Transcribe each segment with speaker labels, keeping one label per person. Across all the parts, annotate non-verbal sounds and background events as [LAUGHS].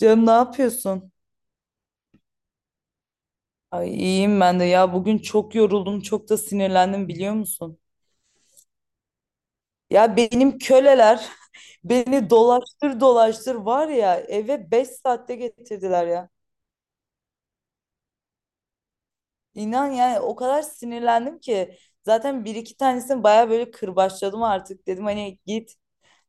Speaker 1: Canım ne yapıyorsun? Ay iyiyim ben de ya bugün çok yoruldum çok da sinirlendim biliyor musun? Ya benim köleler [LAUGHS] beni dolaştır dolaştır var ya eve 5 saatte getirdiler ya. İnan yani o kadar sinirlendim ki zaten bir iki tanesini baya böyle kırbaçladım artık dedim hani git.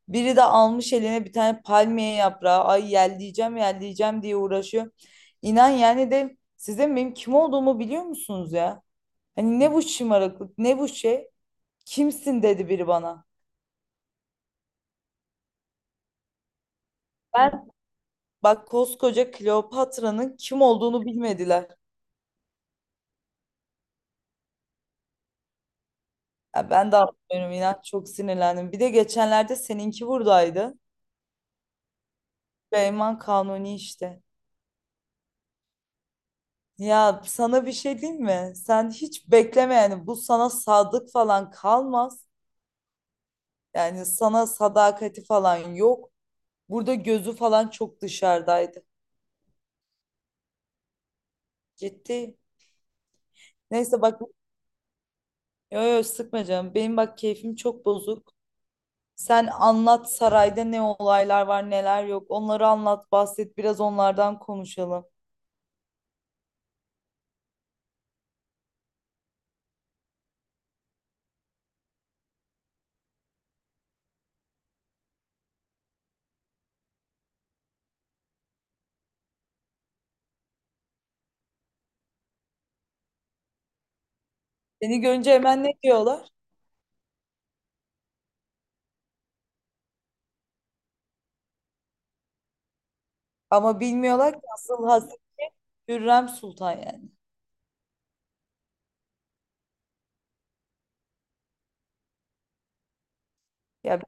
Speaker 1: Biri de almış eline bir tane palmiye yaprağı ay yelleyeceğim yelleyeceğim diye uğraşıyor. İnan yani de sizin benim kim olduğumu biliyor musunuz ya? Hani ne bu şımarıklık, ne bu şey? Kimsin dedi biri bana. Ben Bak koskoca Kleopatra'nın kim olduğunu bilmediler. Ya ben de anlamıyorum inan çok sinirlendim. Bir de geçenlerde seninki buradaydı. Beyman Kanuni işte. Ya sana bir şey diyeyim mi? Sen hiç bekleme yani bu sana sadık falan kalmaz. Yani sana sadakati falan yok. Burada gözü falan çok dışarıdaydı. Ciddi. Neyse bak, yo yo, sıkma canım. Benim bak keyfim çok bozuk. Sen anlat sarayda ne olaylar var neler yok. Onları anlat bahset biraz onlardan konuşalım. Seni görünce hemen ne diyorlar? Ama bilmiyorlar ki asıl Hazreti Hürrem Sultan yani. Ya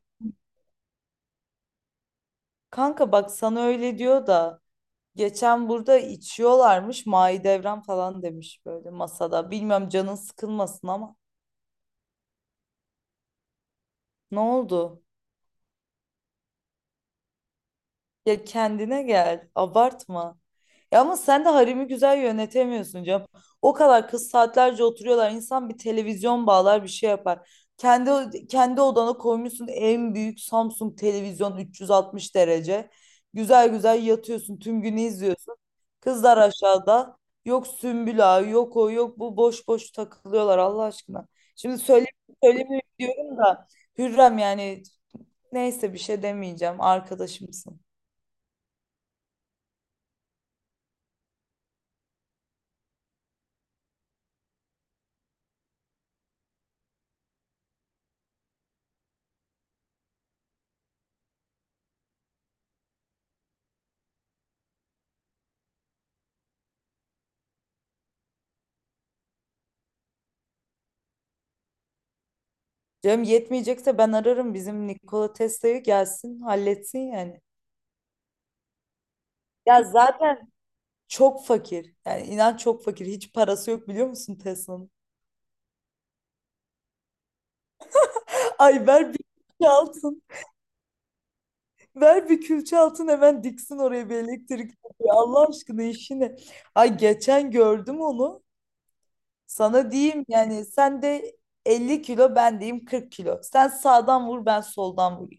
Speaker 1: kanka bak sana öyle diyor da geçen burada içiyorlarmış Mahidevran falan demiş böyle masada. Bilmiyorum canın sıkılmasın ama ne oldu? Ya kendine gel. Abartma. Ya ama sen de haremi güzel yönetemiyorsun canım. O kadar kız saatlerce oturuyorlar. İnsan bir televizyon bağlar bir şey yapar. Kendi odana koymuşsun en büyük Samsung televizyon 360 derece. Güzel güzel yatıyorsun. Tüm günü izliyorsun. Kızlar aşağıda. Yok Sümbül Ağa, yok o, yok bu. Boş boş takılıyorlar Allah aşkına. Şimdi söyle, söylemiyorum diyorum da, Hürrem yani neyse bir şey demeyeceğim. Arkadaşımsın. Canım yetmeyecekse ben ararım bizim Nikola Tesla'yı gelsin halletsin yani. Ya zaten çok fakir. Yani inan çok fakir. Hiç parası yok biliyor musun Tesla'nın? Ay ver bir külçe altın. Ver bir külçe altın hemen diksin oraya bir elektrik direği. Allah aşkına işi ne? Ay geçen gördüm onu. Sana diyeyim yani sen de 50 kilo ben diyeyim 40 kilo. Sen sağdan vur ben soldan vur.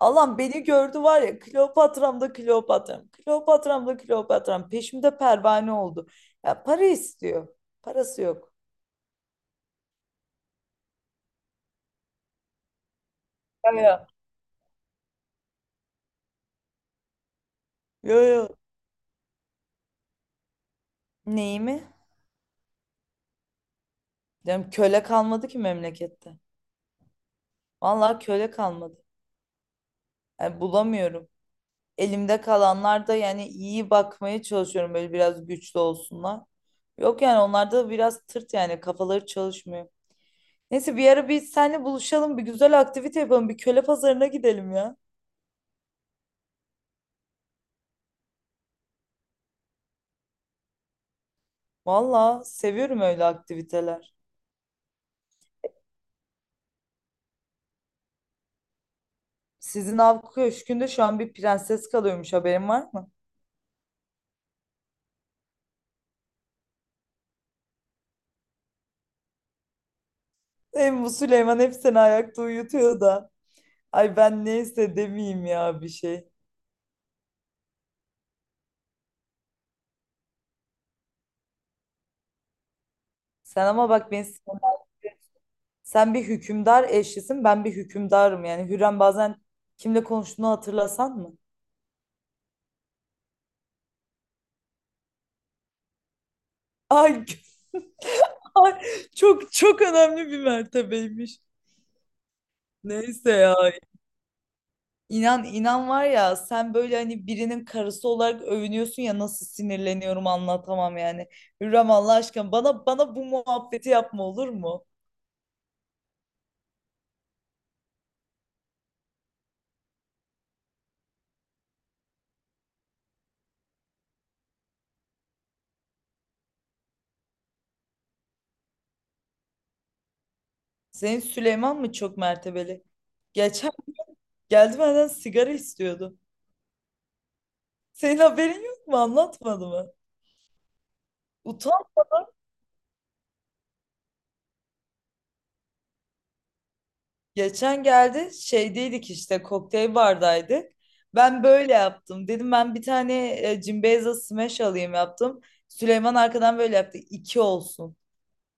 Speaker 1: Allah'ım beni gördü var ya Kleopatram da Kleopatram. Kleopatram da Kleopatram. Peşimde pervane oldu. Ya para istiyor. Parası yok. Ya ya. Yo yo. Neyi mi? Diyorum köle kalmadı ki memlekette. Vallahi köle kalmadı. Yani bulamıyorum. Elimde kalanlar da yani iyi bakmaya çalışıyorum böyle biraz güçlü olsunlar. Yok yani onlar da biraz tırt yani kafaları çalışmıyor. Neyse bir ara biz seninle buluşalım bir güzel aktivite yapalım bir köle pazarına gidelim ya. Valla seviyorum öyle aktiviteler. Sizin av köşkünde şu an bir prenses kalıyormuş haberin var mı? Hem bu Süleyman hep seni ayakta uyutuyor da. Ay ben neyse demeyeyim ya bir şey. Sen ama bak sen bir hükümdar eşlisin ben bir hükümdarım yani. Hürrem bazen kimle konuştuğunu hatırlasan mı? Ay, [LAUGHS] ay, çok çok önemli bir mertebeymiş. Neyse ya, İnan inan var ya sen böyle hani birinin karısı olarak övünüyorsun ya nasıl sinirleniyorum anlatamam yani. Hürrem Allah aşkına bana bu muhabbeti yapma olur mu? Senin Süleyman mı çok mertebeli? Geçen geldi benden sigara istiyordu. Senin haberin yok mu? Anlatmadı mı? Utan. Geçen geldi şeydeydik işte kokteyl bardaydık. Ben böyle yaptım. Dedim ben bir tane Cimbeyza Smash alayım yaptım. Süleyman arkadan böyle yaptı. İki olsun.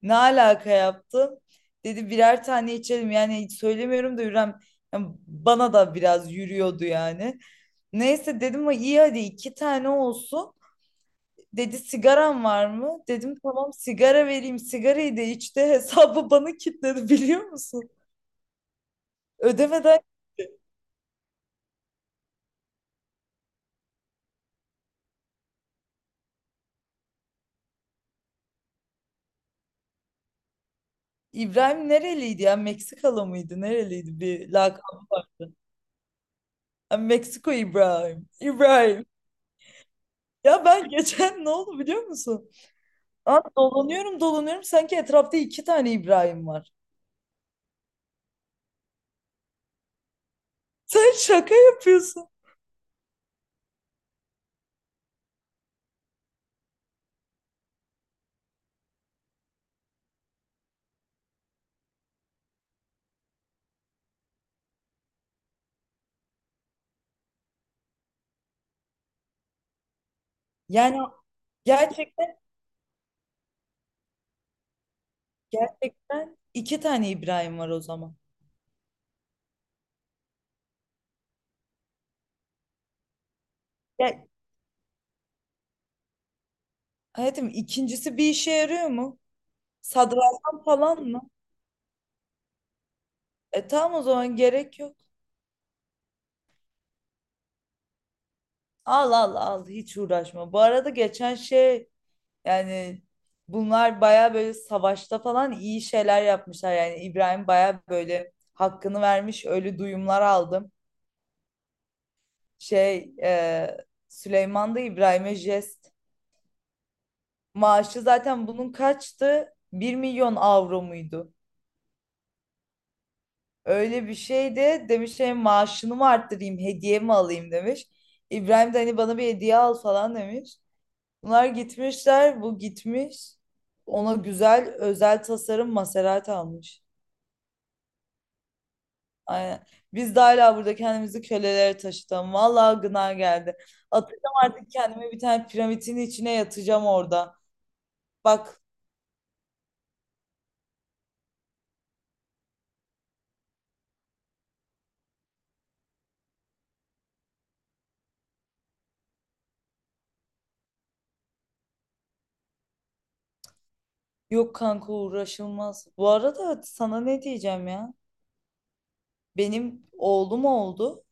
Speaker 1: Ne alaka yaptın? Dedi birer tane içelim. Yani hiç söylemiyorum da Hürrem yani bana da biraz yürüyordu yani. Neyse dedim ama iyi hadi iki tane olsun. Dedi sigaran var mı? Dedim tamam sigara vereyim. Sigarayı da içti. [LAUGHS] Hesabı bana kilitledi biliyor musun? Ödemeden. İbrahim nereliydi ya? Meksikalı mıydı? Nereliydi bir lakabı var. Ha, Meksiko İbrahim. İbrahim. Ya ben geçen [LAUGHS] ne oldu biliyor musun? Aa, dolanıyorum dolanıyorum sanki etrafta iki tane İbrahim var. [LAUGHS] Sen şaka yapıyorsun. Yani gerçekten gerçekten iki tane İbrahim var o zaman. Ya, hayatım, ikincisi bir işe yarıyor mu? Sadrazam falan mı? E tamam o zaman gerek yok. Al al al, hiç uğraşma. Bu arada geçen şey, yani bunlar baya böyle savaşta falan iyi şeyler yapmışlar. Yani İbrahim baya böyle hakkını vermiş öyle duyumlar aldım. Şey Süleyman'da İbrahim'e jest. Maaşı zaten bunun kaçtı? 1.000.000 avro muydu? Öyle bir şeydi. Demiş şey maaşını mı arttırayım, hediye mi alayım demiş. İbrahim de hani bana bir hediye al falan demiş. Bunlar gitmişler, bu gitmiş. Ona güzel özel tasarım Maserati almış. Aynen. Biz de hala burada kendimizi kölelere taşıtalım. Vallahi gına geldi. Atacağım artık kendimi bir tane piramitin içine yatacağım orada. Bak. Yok kanka uğraşılmaz. Bu arada sana ne diyeceğim ya? Benim oğlum oldu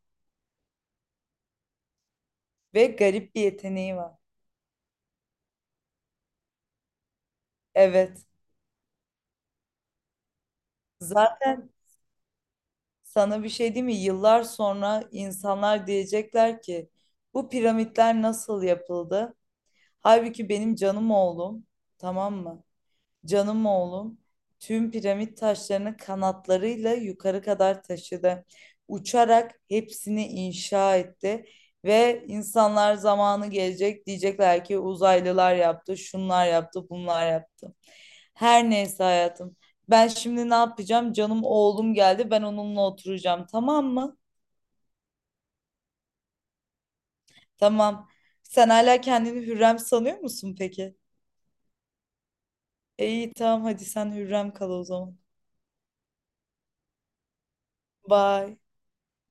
Speaker 1: ve garip bir yeteneği var. Evet. Zaten sana bir şey diyeyim mi? Yıllar sonra insanlar diyecekler ki bu piramitler nasıl yapıldı? Halbuki benim canım oğlum. Tamam mı? Canım oğlum tüm piramit taşlarını kanatlarıyla yukarı kadar taşıdı. Uçarak hepsini inşa etti ve insanlar zamanı gelecek diyecekler ki uzaylılar yaptı, şunlar yaptı, bunlar yaptı. Her neyse hayatım. Ben şimdi ne yapacağım? Canım oğlum geldi. Ben onunla oturacağım. Tamam mı? Tamam. Sen hala kendini Hürrem sanıyor musun peki? E, İyi tamam hadi sen Hürrem kal o zaman. Bye.